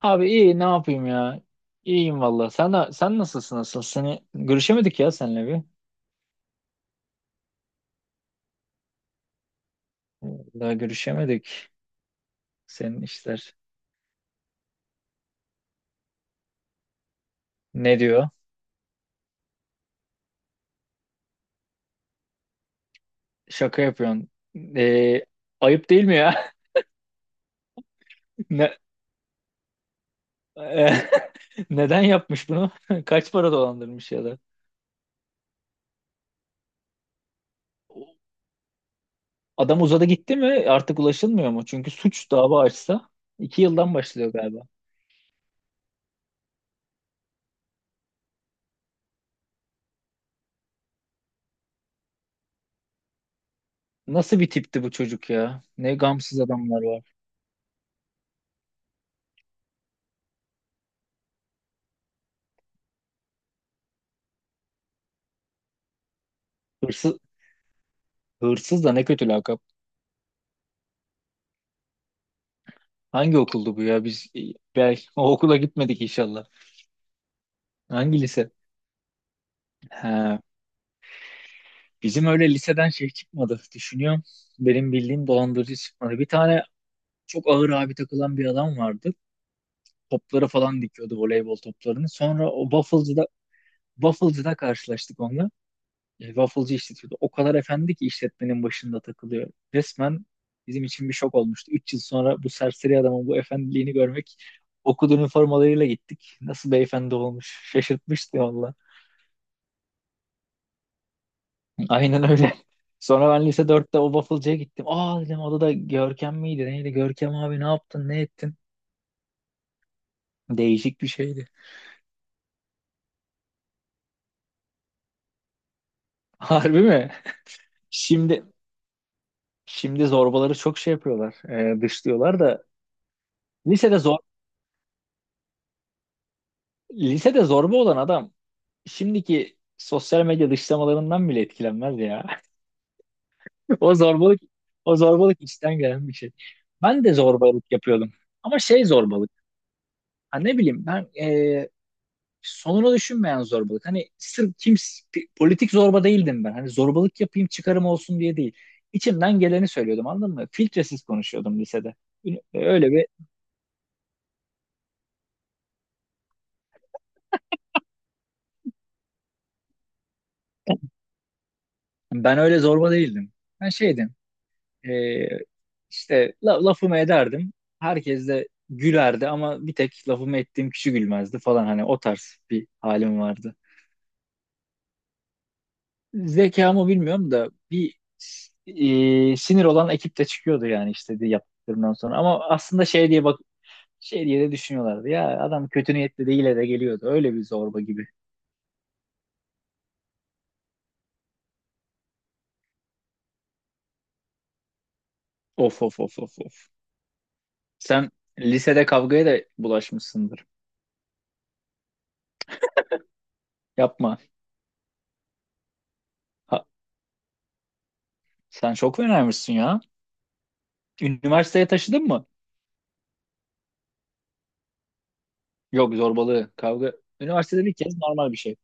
Abi iyi ne yapayım ya? İyiyim valla. Sen nasılsın asıl? Seni görüşemedik ya seninle bir. Daha görüşemedik. Senin işler. Ne diyor? Şaka yapıyorsun. Ee, Ayıp değil mi ya? Ne, neden yapmış bunu? Kaç para dolandırmış ya da? Adam uzadı gitti mi? Artık ulaşılmıyor mu? Çünkü suç dava açsa 2 yıldan başlıyor galiba. Nasıl bir tipti bu çocuk ya? Ne gamsız adamlar var. Hırsız, Hırsız da ne kötü lakap. Hangi okuldu bu ya? Belki o okula gitmedik inşallah. Hangi lise? Ha, bizim öyle liseden şey çıkmadı. Düşünüyorum. Benim bildiğim dolandırıcı çıkmadı. Bir tane çok ağır abi takılan bir adam vardı. Topları falan dikiyordu, voleybol toplarını. Sonra o Waffle'cıda karşılaştık onunla. Wafflecı işletiyordu. O kadar efendi ki işletmenin başında takılıyor. Resmen bizim için bir şok olmuştu. 3 yıl sonra bu serseri adamın bu efendiliğini görmek, okul üniformalarıyla gittik. Nasıl beyefendi olmuş. Şaşırtmıştı valla. Aynen öyle. Sonra ben lise dörtte o wafflecıya gittim. Aa dedim, o da Görkem miydi neydi? Görkem abi ne yaptın ne ettin? Değişik bir şeydi. Harbi mi? Şimdi Şimdi zorbaları çok şey yapıyorlar. Dışlıyorlar da lisede zor lisede zorba olan adam şimdiki sosyal medya dışlamalarından bile etkilenmez ya. O zorbalık O zorbalık içten gelen bir şey. Ben de zorbalık yapıyordum. Ama şey zorbalık. Ha ne bileyim ben, sonunu düşünmeyen zorbalık. Hani sırf kim, politik zorba değildim ben. Hani zorbalık yapayım çıkarım olsun diye değil. İçimden geleni söylüyordum, anladın mı? Filtresiz konuşuyordum lisede. Öyle bir Ben öyle zorba değildim. Ben şeydim. Ee, işte lafımı ederdim. Herkes de gülerdi ama bir tek lafımı ettiğim kişi gülmezdi falan, hani o tarz bir halim vardı. Zekamı bilmiyorum da bir sinir olan ekip de çıkıyordu yani, işte de yaptıklarından sonra. Ama aslında şey diye bak, şey diye de düşünüyorlardı. Ya adam kötü niyetli değil de geliyordu. Öyle bir zorba gibi. Of of of of of. Sen lisede kavgaya da bulaşmışsındır. Yapma. Ha, sen çok fenaymışsın ya. Üniversiteye taşıdın mı? Yok zorbalığı, kavga. Üniversitede bir kez normal bir şey.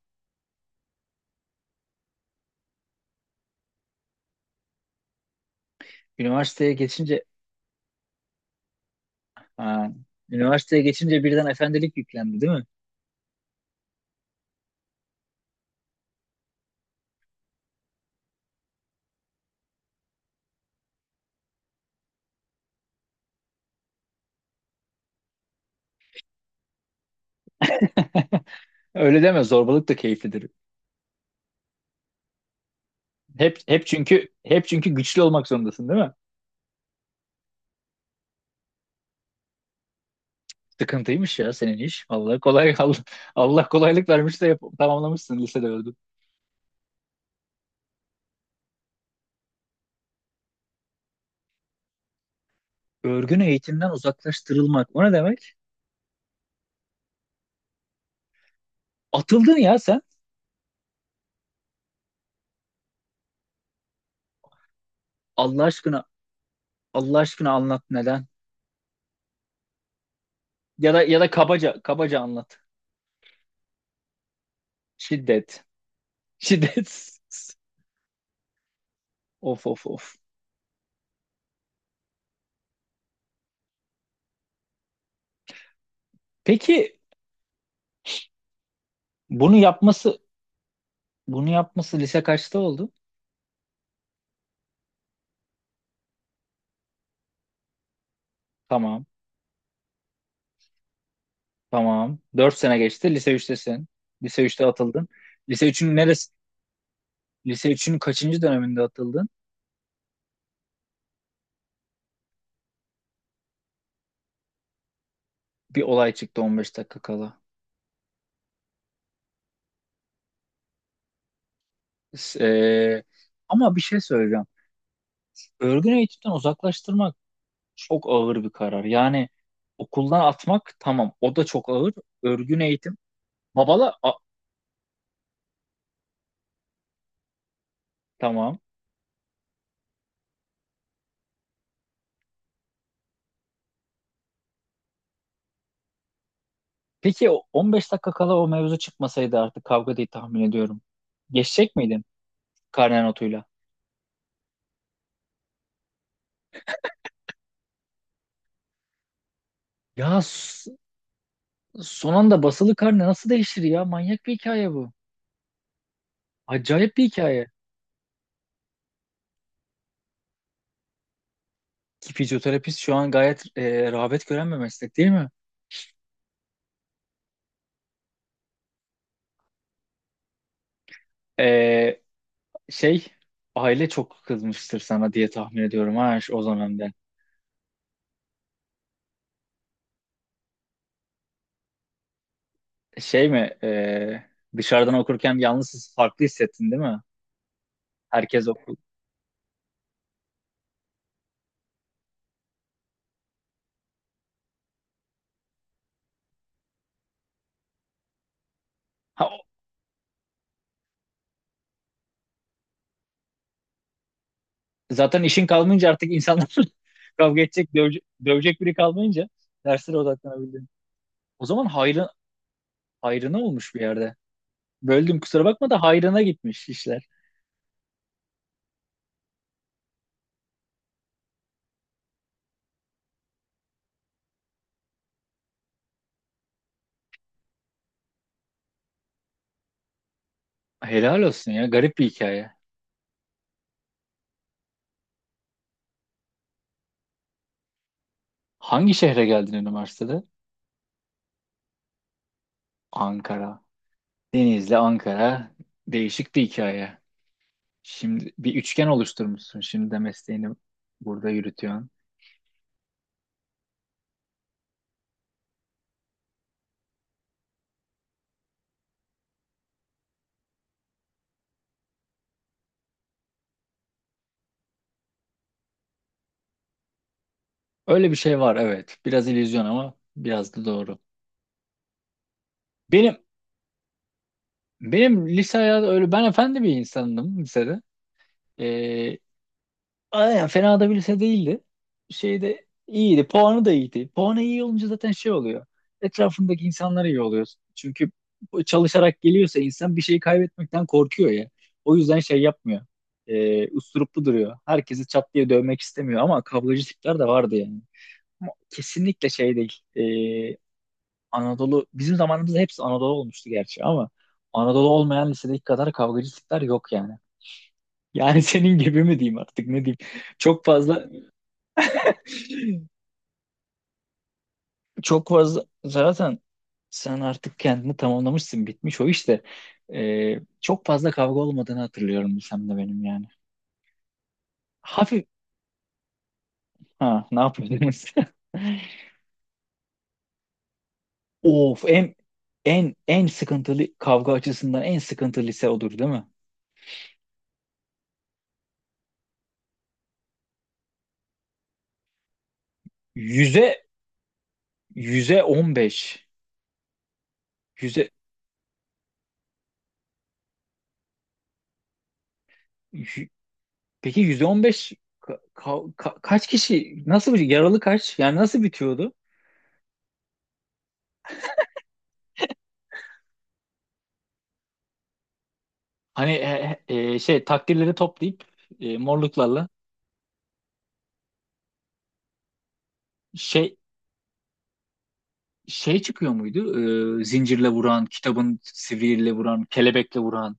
Üniversiteye geçince ha, Üniversiteye geçince birden efendilik yüklendi değil mi? Öyle deme, zorbalık da keyiflidir. Hep çünkü güçlü olmak zorundasın değil mi? Sıkıntıymış ya senin iş. Allah kolay Allah kolaylık vermiş de tamamlamışsın lisede örgün. Örgün eğitimden uzaklaştırılmak. O ne demek? Atıldın ya sen. Allah aşkına, Allah aşkına anlat, neden? Ya da kabaca kabaca anlat. Şiddet. Şiddet. Of of of. Peki bunu yapması bunu yapması lise kaçta oldu? Tamam. Tamam. 4 sene geçti. Lise 3'tesin. Lise 3'te atıldın. Lise 3'ün neresi? Lise 3'ün kaçıncı döneminde atıldın? Bir olay çıktı 15 dakika kala. S- eee, Ama bir şey söyleyeceğim. Örgün eğitimden uzaklaştırmak çok ağır bir karar. Yani okuldan atmak tamam. O da çok ağır. Örgün eğitim. Babala tamam. Peki o 15 dakika kala o mevzu çıkmasaydı, artık kavga diye tahmin ediyorum. Geçecek miydin karne notuyla? Ya s- Son anda basılı karne nasıl değişir ya? Manyak bir hikaye bu. Acayip bir hikaye. Ki fizyoterapist şu an gayet rağbet gören bir meslek değil mi? E, şey Aile çok kızmıştır sana diye tahmin ediyorum ha, o dönemde. Şey mi, e, dışarıdan okurken yalnız farklı hissettin değil mi? Herkes okul. Zaten işin kalmayınca artık insanlar, kavga edecek, dövecek, dövecek biri kalmayınca derslere odaklanabildim. O zaman hayrına olmuş bir yerde. Böldüm kusura bakma da hayrına gitmiş işler. Helal olsun ya, garip bir hikaye. Hangi şehre geldin üniversitede? Ankara. Denizli, Ankara. Değişik bir hikaye. Şimdi bir üçgen oluşturmuşsun. Şimdi de mesleğini burada yürütüyorsun. Öyle bir şey var evet. Biraz illüzyon ama biraz da doğru. Benim benim lise hayatı öyle, ben efendi bir insandım lisede. Ee, aynen fena da bir lise değildi. Şeyde iyiydi. Puanı da iyiydi. Puanı iyi olunca zaten şey oluyor. Etrafındaki insanlar iyi oluyor. Çünkü çalışarak geliyorsa insan, bir şeyi kaybetmekten korkuyor ya. O yüzden şey yapmıyor. Usturuplu duruyor. Herkesi çat diye dövmek istemiyor ama kavgacı tipler de vardı yani. Ama kesinlikle şey değil. Ee, Anadolu bizim zamanımızda hepsi Anadolu olmuştu gerçi ama Anadolu olmayan lisedeki kadar kavgacı tipler yok yani. Yani senin gibi mi diyeyim artık, ne diyeyim? Çok fazla Çok fazla zaten sen artık kendini tamamlamışsın, bitmiş o işte. Çok fazla kavga olmadığını hatırlıyorum sen de benim yani. Hafif ha, ne yapıyordunuz? Of, en sıkıntılı, kavga açısından en sıkıntılı lise odur değil mi? Yüze yüze 15 Yüze yü- Peki yüze 15, kaç kişi, nasıl bir yaralı kaç? Yani nasıl bitiyordu? Hani, takdirleri toplayıp, morluklarla şey şey çıkıyor muydu? Zincirle vuran, kitabın sivriyle vuran, kelebekle vuran.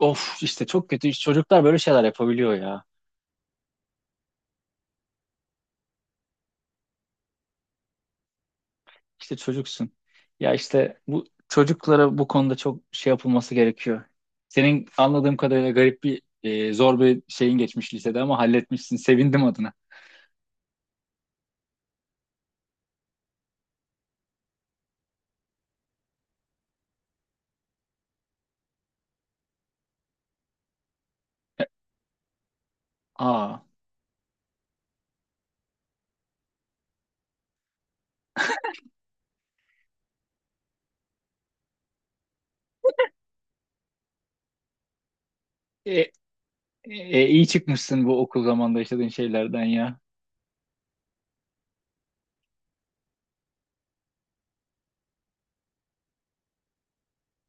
Of işte çok kötü. İşte çocuklar böyle şeyler yapabiliyor ya. İşte çocuksun. Ya işte bu çocuklara bu konuda çok şey yapılması gerekiyor. Senin anladığım kadarıyla garip bir, zor bir şeyin geçmiş lisede ama halletmişsin. Sevindim adına. Aa. E, iyi çıkmışsın bu okul zamanında yaşadığın şeylerden ya.